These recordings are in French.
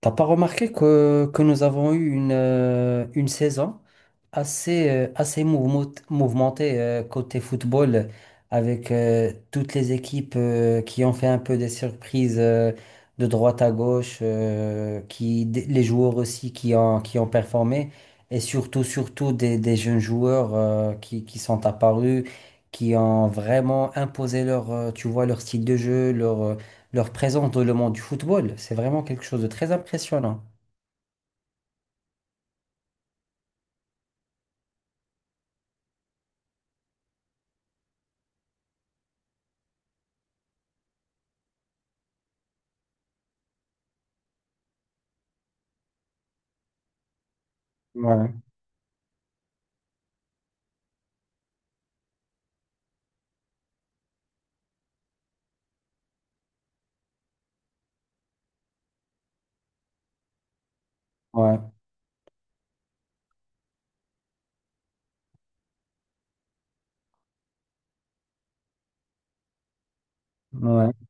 T'as pas remarqué que nous avons eu une saison assez mouvementée, côté football, avec toutes les équipes qui ont fait un peu des surprises, de droite à gauche, les joueurs aussi qui ont performé, et surtout des jeunes joueurs, qui sont apparus, qui ont vraiment imposé leur, leur style de jeu, leur présence dans le monde du football. C'est vraiment quelque chose de très impressionnant. Ouais, ouais, ouais,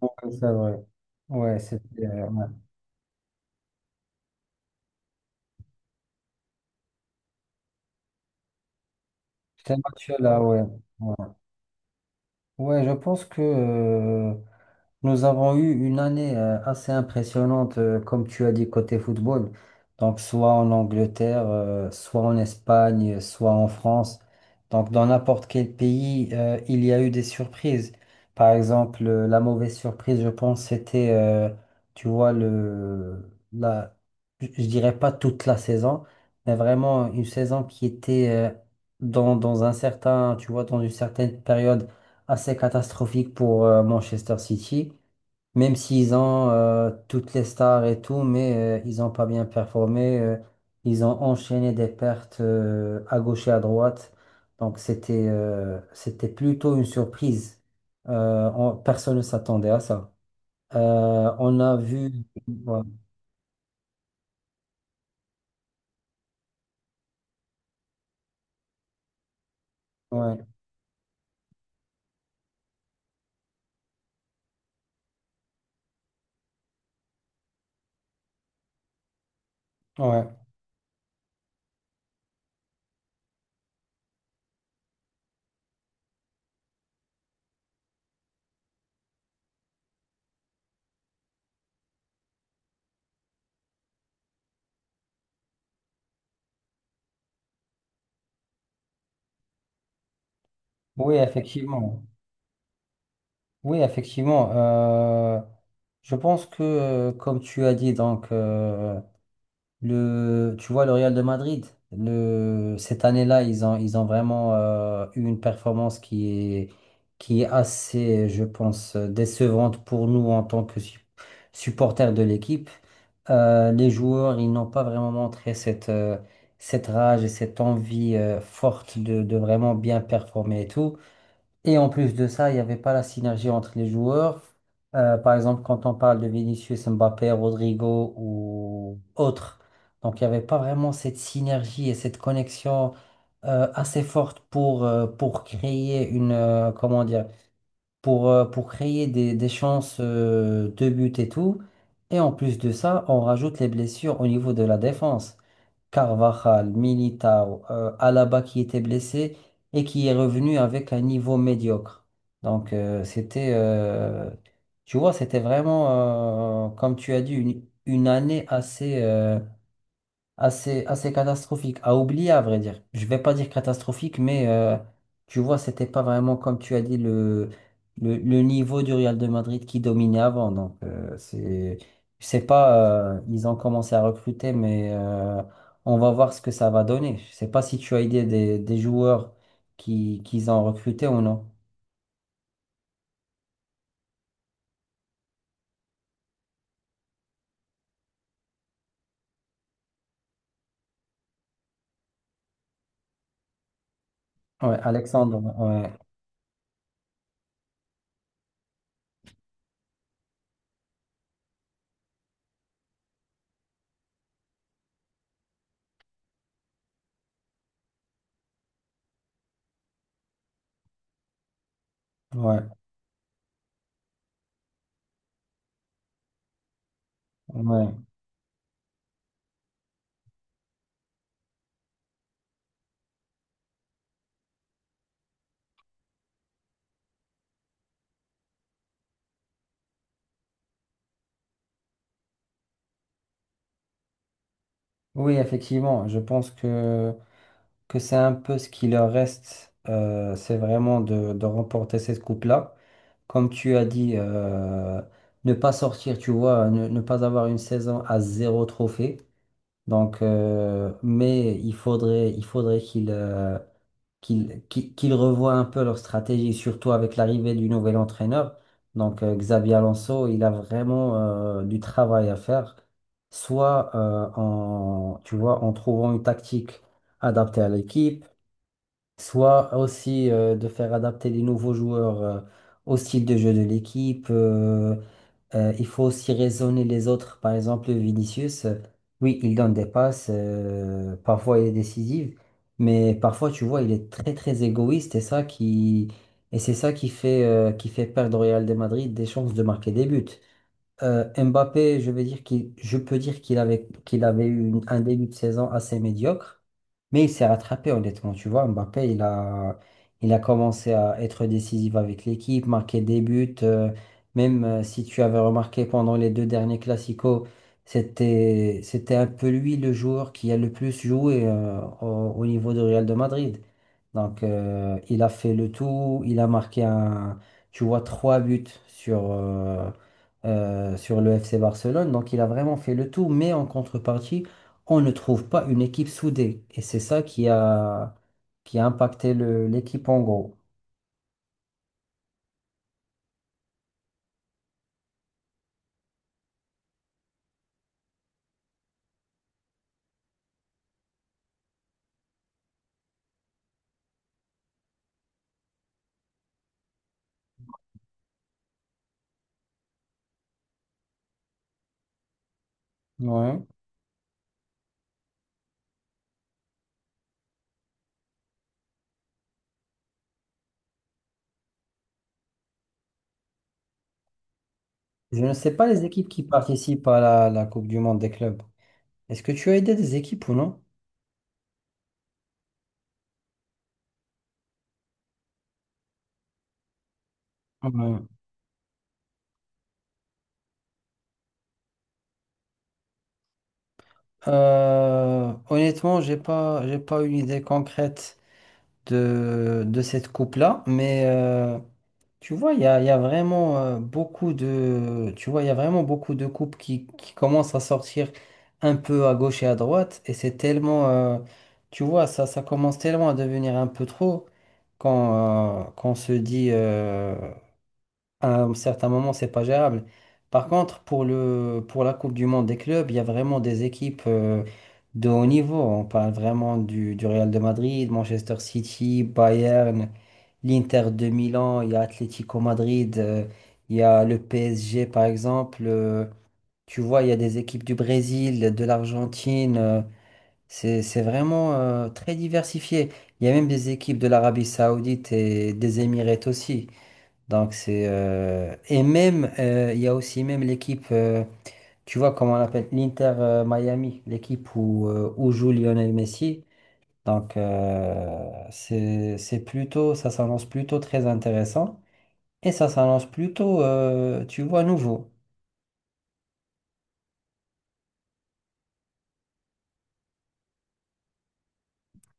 donc c'est vrai. Ouais, c'était, ouais. C'était un match là, ouais. Ouais, ouais, je pense que, nous avons eu une année assez impressionnante, comme tu as dit, côté football. Donc, soit en Angleterre, soit en Espagne, soit en France. Donc, dans n'importe quel pays, il y a eu des surprises. Par exemple, la mauvaise surprise, je pense, c'était, tu vois, le, la, je dirais pas toute la saison, mais vraiment une saison qui était, dans un certain, tu vois, dans une certaine période assez catastrophique pour, Manchester City. Même s'ils ont, toutes les stars et tout, mais ils n'ont pas bien performé. Ils ont enchaîné des pertes, à gauche et à droite. Donc c'était, c'était plutôt une surprise. Personne ne s'attendait à ça. On a vu. Ouais, ouais, ouais. Oui, effectivement. Oui, effectivement. Je pense que, comme tu as dit, donc, le Real de Madrid, cette année-là, ils ont vraiment, eu une performance est, qui est assez, je pense, décevante pour nous en tant que supporters de l'équipe. Les joueurs, ils n'ont pas vraiment montré cette, cette rage et cette envie, forte de vraiment bien performer et tout. Et en plus de ça, il n'y avait pas la synergie entre les joueurs. Par exemple, quand on parle de Vinicius, Mbappé, Rodrigo ou autres, donc il n'y avait pas vraiment cette synergie et cette connexion, assez forte pour créer une, comment dire, pour créer des chances, de but et tout. Et en plus de ça, on rajoute les blessures au niveau de la défense. Carvajal, Militao, Alaba qui était blessé et qui est revenu avec un niveau médiocre. Donc, c'était, tu vois, c'était vraiment, comme tu as dit, une année assez, assez catastrophique, à oublier à vrai dire. Je vais pas dire catastrophique, mais tu vois, c'était pas vraiment comme tu as dit le niveau du Real de Madrid qui dominait avant. Donc, c'est, je sais pas, ils ont commencé à recruter, mais on va voir ce que ça va donner. Je sais pas si tu as idée des joueurs qui qu'ils ont recrutés ou non. Ouais, Alexandre, ouais, ouais, ouais. Oui, effectivement, je pense que c'est un peu ce qui leur reste, c'est vraiment de remporter cette coupe-là. Comme tu as dit, ne pas sortir, tu vois, ne pas avoir une saison à zéro trophée. Donc, mais il faudrait qu'ils, qu'ils revoient un peu leur stratégie, surtout avec l'arrivée du nouvel entraîneur. Donc, Xabi Alonso, il a vraiment, du travail à faire. Soit, en, tu vois, en trouvant une tactique adaptée à l'équipe, soit aussi, de faire adapter les nouveaux joueurs, au style de jeu de l'équipe. Euh, il faut aussi raisonner les autres. Par exemple, Vinicius, oui, il donne des passes, parfois il est décisif, mais parfois, tu vois, il est très très égoïste et ça qui et c'est ça qui fait, qui fait perdre au Real de Madrid des chances de marquer des buts. Mbappé, je peux dire qu'il avait eu un début de saison assez médiocre, mais il s'est rattrapé honnêtement. Tu vois, Mbappé, il a commencé à être décisif avec l'équipe, marquer des buts. Euh, même, si tu avais remarqué pendant les deux derniers Clasico, c'était un peu lui le joueur qui a le plus joué, au niveau de Real de Madrid. Donc, il a fait le tout, il a marqué un, tu vois, trois buts sur, sur le FC Barcelone. Donc il a vraiment fait le tout, mais en contrepartie, on ne trouve pas une équipe soudée. Et c'est ça qui a impacté l'équipe en gros. Ouais. Je ne sais pas les équipes qui participent à la Coupe du Monde des clubs. Est-ce que tu as aidé des équipes ou non? Ouais. Honnêtement, j'ai pas une idée concrète de cette coupe-là, mais tu vois, il y a vraiment, beaucoup de, tu vois, il y a vraiment beaucoup de couples qui commencent à sortir un peu à gauche et à droite, et c'est tellement, tu vois, ça commence tellement à devenir un peu trop quand, quand on se dit, à un certain moment, c'est pas gérable. Par contre, pour le, pour la Coupe du Monde des clubs, il y a vraiment des équipes, de haut niveau. On parle vraiment du Real de Madrid, Manchester City, Bayern, l'Inter de Milan. Il y a Atlético Madrid, il y a le PSG par exemple. Euh, tu vois, il y a des équipes du Brésil, de l'Argentine. Euh, c'est vraiment, très diversifié. Il y a même des équipes de l'Arabie Saoudite et des Émirats aussi. Donc c'est, et même, il y a aussi même l'équipe, tu vois comment on l'appelle, l'Inter, Miami, l'équipe où, où joue Lionel Messi. Donc, c'est plutôt, ça s'annonce plutôt très intéressant et ça s'annonce plutôt, tu vois, nouveau.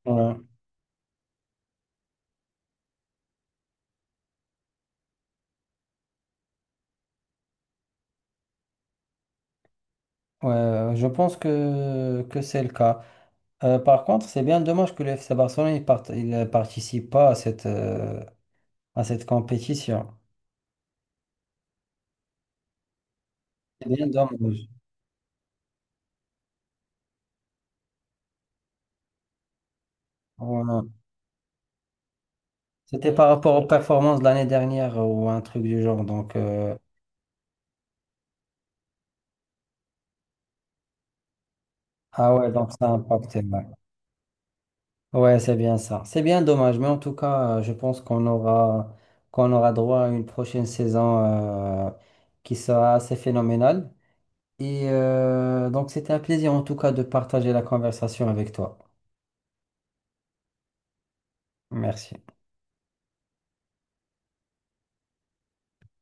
Ouais. Ouais, je pense que c'est le cas. Par contre, c'est bien dommage que le FC Barcelone il ne participe pas à cette, à cette compétition. C'est bien dommage. Voilà. C'était par rapport aux performances de l'année dernière ou un truc du genre. Donc, ah ouais, donc ça a impacté. Ouais, ouais, c'est bien ça. C'est bien dommage, mais en tout cas, je pense qu'on aura droit à une prochaine saison, euh, qui sera assez phénoménale. Et donc, c'était un plaisir en tout cas de partager la conversation avec toi. Merci.